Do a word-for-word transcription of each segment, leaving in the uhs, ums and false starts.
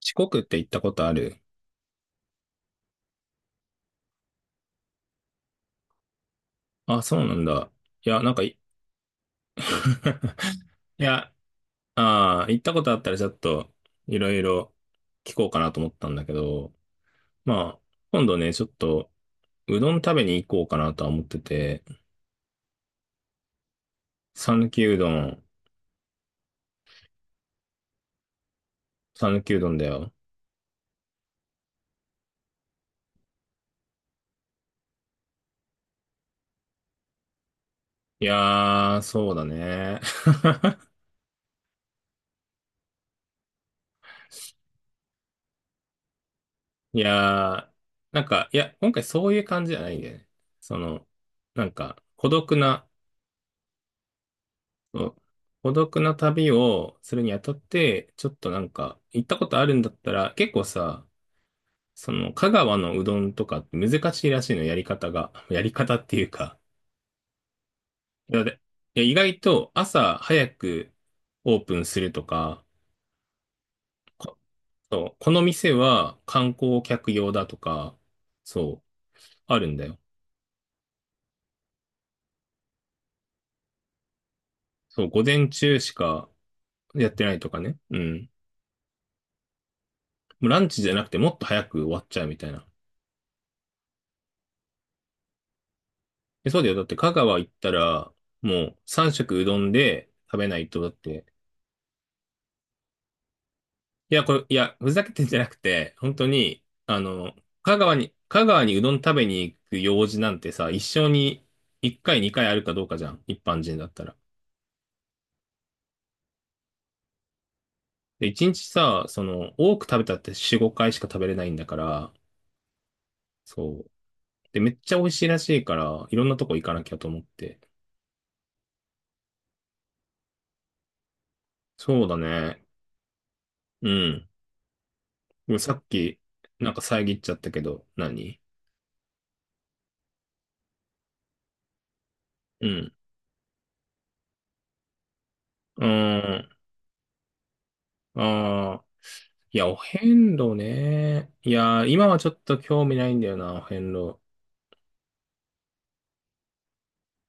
四国って行ったことある？あ、そうなんだ。いや、なんかい、いや、ああ、行ったことあったらちょっと、いろいろ聞こうかなと思ったんだけど、まあ、今度ね、ちょっと、うどん食べに行こうかなとは思ってて、讃岐うどん、讃岐うどんだよ。いやー、そうだね。いやー、なんか、いや、今回そういう感じじゃないんだよね。その、なんか、孤独な、そう、孤独な旅をするにあたって、ちょっとなんか、行ったことあるんだったら、結構さ、その、香川のうどんとかって難しいらしいの、やり方が。やり方っていうか、いや、で、いや意外と朝早くオープンするとか、こそう、この店は観光客用だとか、そう、あるんだよ。そう、午前中しかやってないとかね。うん。もうランチじゃなくてもっと早く終わっちゃうみたいな。え、そうだよ。だって香川行ったら、もうさんしょく食うどんで食べないと、だって。いや、これ、いや、ふざけてんじゃなくて、本当に、あの、香川に、香川にうどん食べに行く用事なんてさ、一生にいっかい、にかいあるかどうかじゃん。一般人だったら。で、いちにちさ、その、多く食べたってよん、ごかいしか食べれないんだから、そう。で、めっちゃ美味しいらしいから、いろんなとこ行かなきゃと思って。そうだね。うん。でもさっき、なんか遮っちゃったけど、何？うん。うーん。ああ。いや、お遍路ね。いや、今はちょっと興味ないんだよな、お遍路。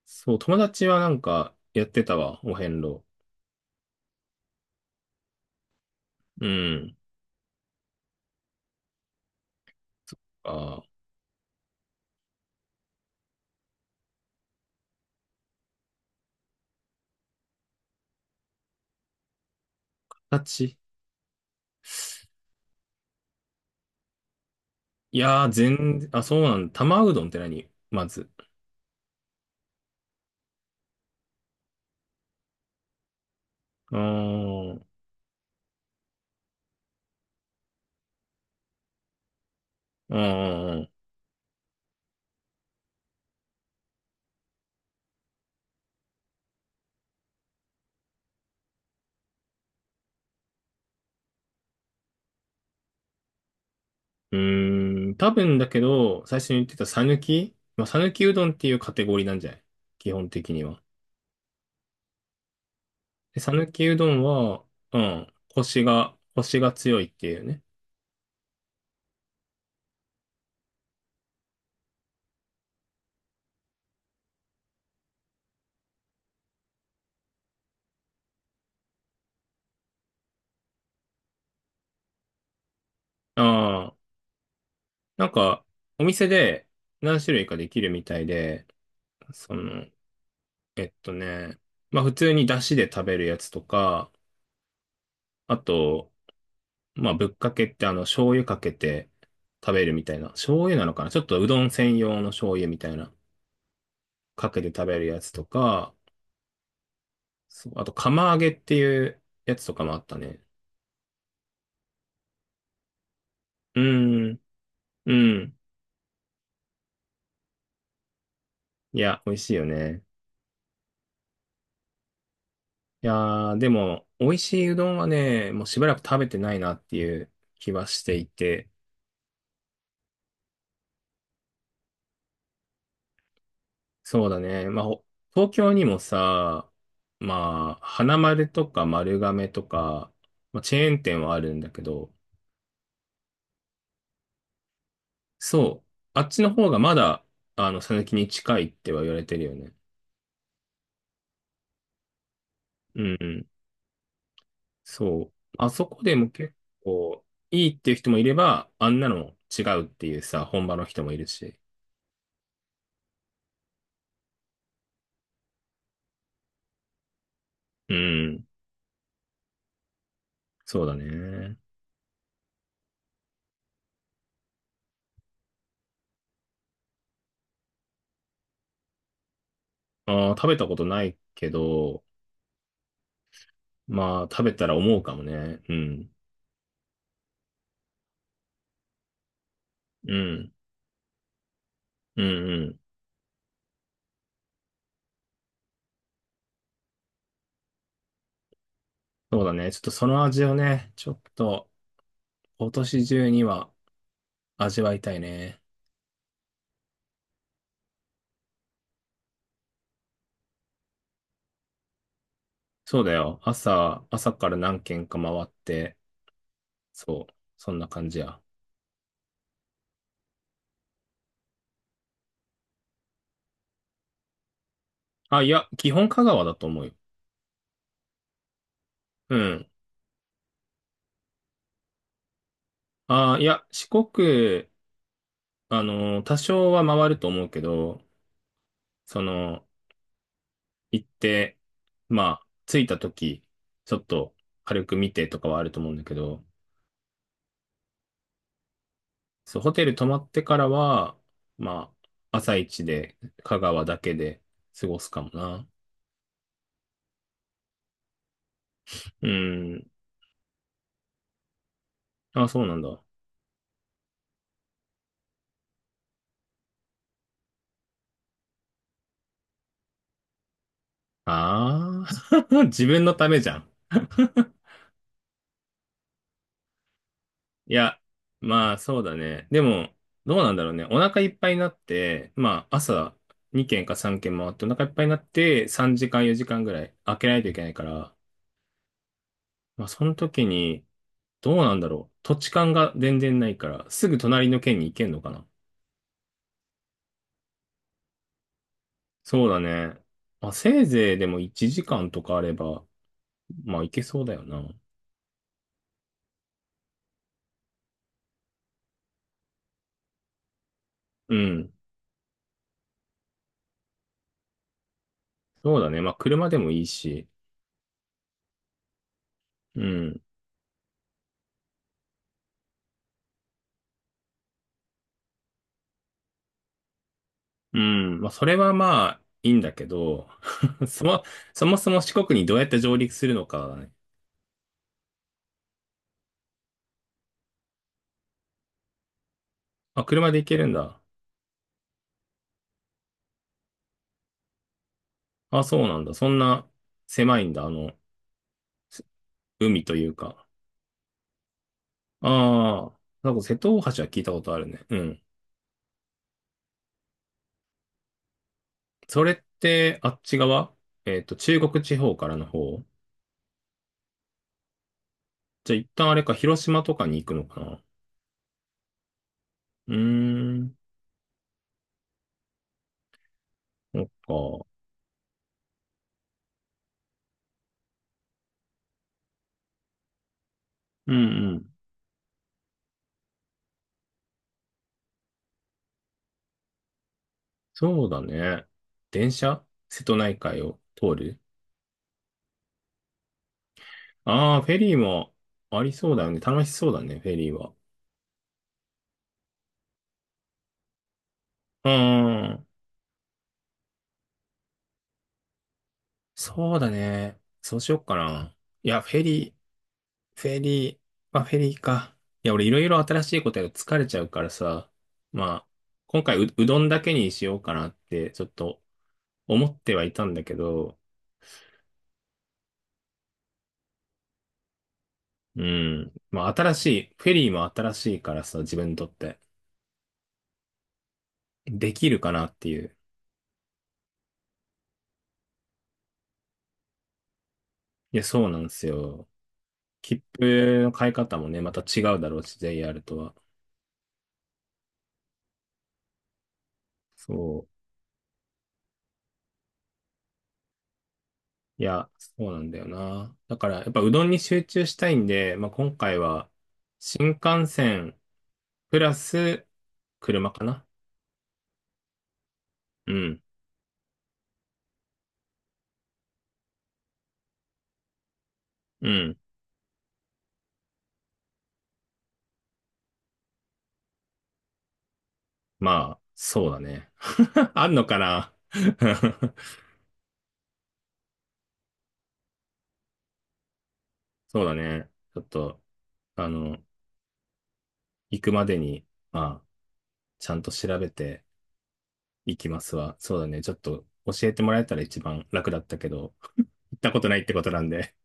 そう、友達はなんかやってたわ、お遍路。うん。ああ、形、いやー、全然、あ、そうなんだ。玉うどんって何まず？うーん。うん。うん。うーん、多分だけど、最初に言ってた讃岐まあ、さぬきうどんっていうカテゴリーなんじゃない？基本的には。で、さぬきうどんは、うん。コシが、コシが強いっていうね。ああ。なんか、お店で何種類かできるみたいで、その、えっとね、まあ普通に出汁で食べるやつとか、あと、まあぶっかけってあの醤油かけて食べるみたいな、醤油なのかな、ちょっとうどん専用の醤油みたいな、かけて食べるやつとか、そう、あと釜揚げっていうやつとかもあったね。うーん、うん。いや、美味しいよね。いやー、でも、美味しいうどんはね、もうしばらく食べてないなっていう気はしていて、そうだね。まあ、ほ東京にもさ、まあ、花丸とか丸亀とか、まあ、チェーン店はあるんだけど、そう、あっちの方がまだ、あの、讃岐に近いっては言われてるよね。うん、うん、そう。あそこでも結構、いいっていう人もいれば、あんなの違うっていうさ、本場の人もいるし。うん、そうだね。ああ、食べたことないけど、まあ、食べたら思うかもね。うん、うん、うん、うん。そうだね。ちょっとその味をね、ちょっと今年中には味わいたいね。そうだよ。朝、朝から何軒か回って、そう、そんな感じや。あ、いや、基本香川だと思うよ。うん。あ、いや、四国、あの、多少は回ると思うけど、その、行って、まあ、着いた時、ちょっと軽く見てとかはあると思うんだけど、そう、ホテル泊まってからは、まあ、朝一で香川だけで過ごすかもな。うん。あ、そうなんだ。ああ、自分のためじゃん。いや、まあ、そうだね。でも、どうなんだろうね。お腹いっぱいになって、まあ、朝に軒かさん軒回ってお腹いっぱいになって、さんじかんよじかんぐらい開けないといけないから、まあ、その時に、どうなんだろう。土地勘が全然ないから、すぐ隣の県に行けんのかな？そうだね。まあ、せいぜいでもいちじかんとかあれば、まあ、いけそうだよな。うん。そうだね。まあ、車でもいいし。うん。うん。まあ、それはまあ、いいんだけど、そも、そもそも四国にどうやって上陸するのかだね。まあ、車で行けるんだ。あ、そうなんだ。そんな狭いんだ。あの、す海というか。ああ、なんか瀬戸大橋は聞いたことあるね。うん。それって、あっち側、えっと、中国地方からの方？じゃあ一旦あれか、広島とかに行くのかな？うーん、そっか。うんうん。そうだね。電車、瀬戸内海を通る、ああー、フェリーもありそうだよね。楽しそうだね、フェリーは。うーん。そうだね。そうしよっかな。いや、フェリー、フェリー、まあフェリーか。いや、俺いろいろ新しいことやると疲れちゃうからさ。まあ、今回、う、うどんだけにしようかなって、ちょっと思ってはいたんだけど、うん。まあ、新しい、フェリーも新しいからさ、自分にとって。できるかなっていう。いや、そうなんですよ。切符の買い方もね、また違うだろうし、ジェーアール とは。そう。いや、そうなんだよな。だから、やっぱうどんに集中したいんで、まあ、今回は、新幹線、プラス、車かな。うん。うん。まあ、そうだね。あんのかな？ そうだね。ちょっと、あの、行くまでに、まあ、ちゃんと調べていきますわ。そうだね。ちょっと教えてもらえたら一番楽だったけど、行ったことないってことなんで。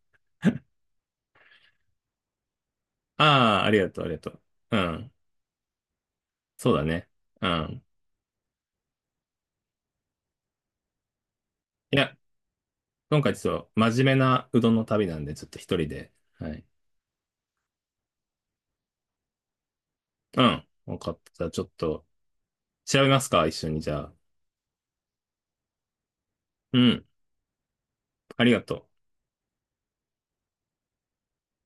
ああ、ありがとう、ありがとう。うん。そうだね。うん。いや、今回ちょっと真面目なうどんの旅なんで、ちょっと一人で。はい。うん。わかった。じゃあちょっと調べますか、一緒に。じゃあ。うん。ありがとう。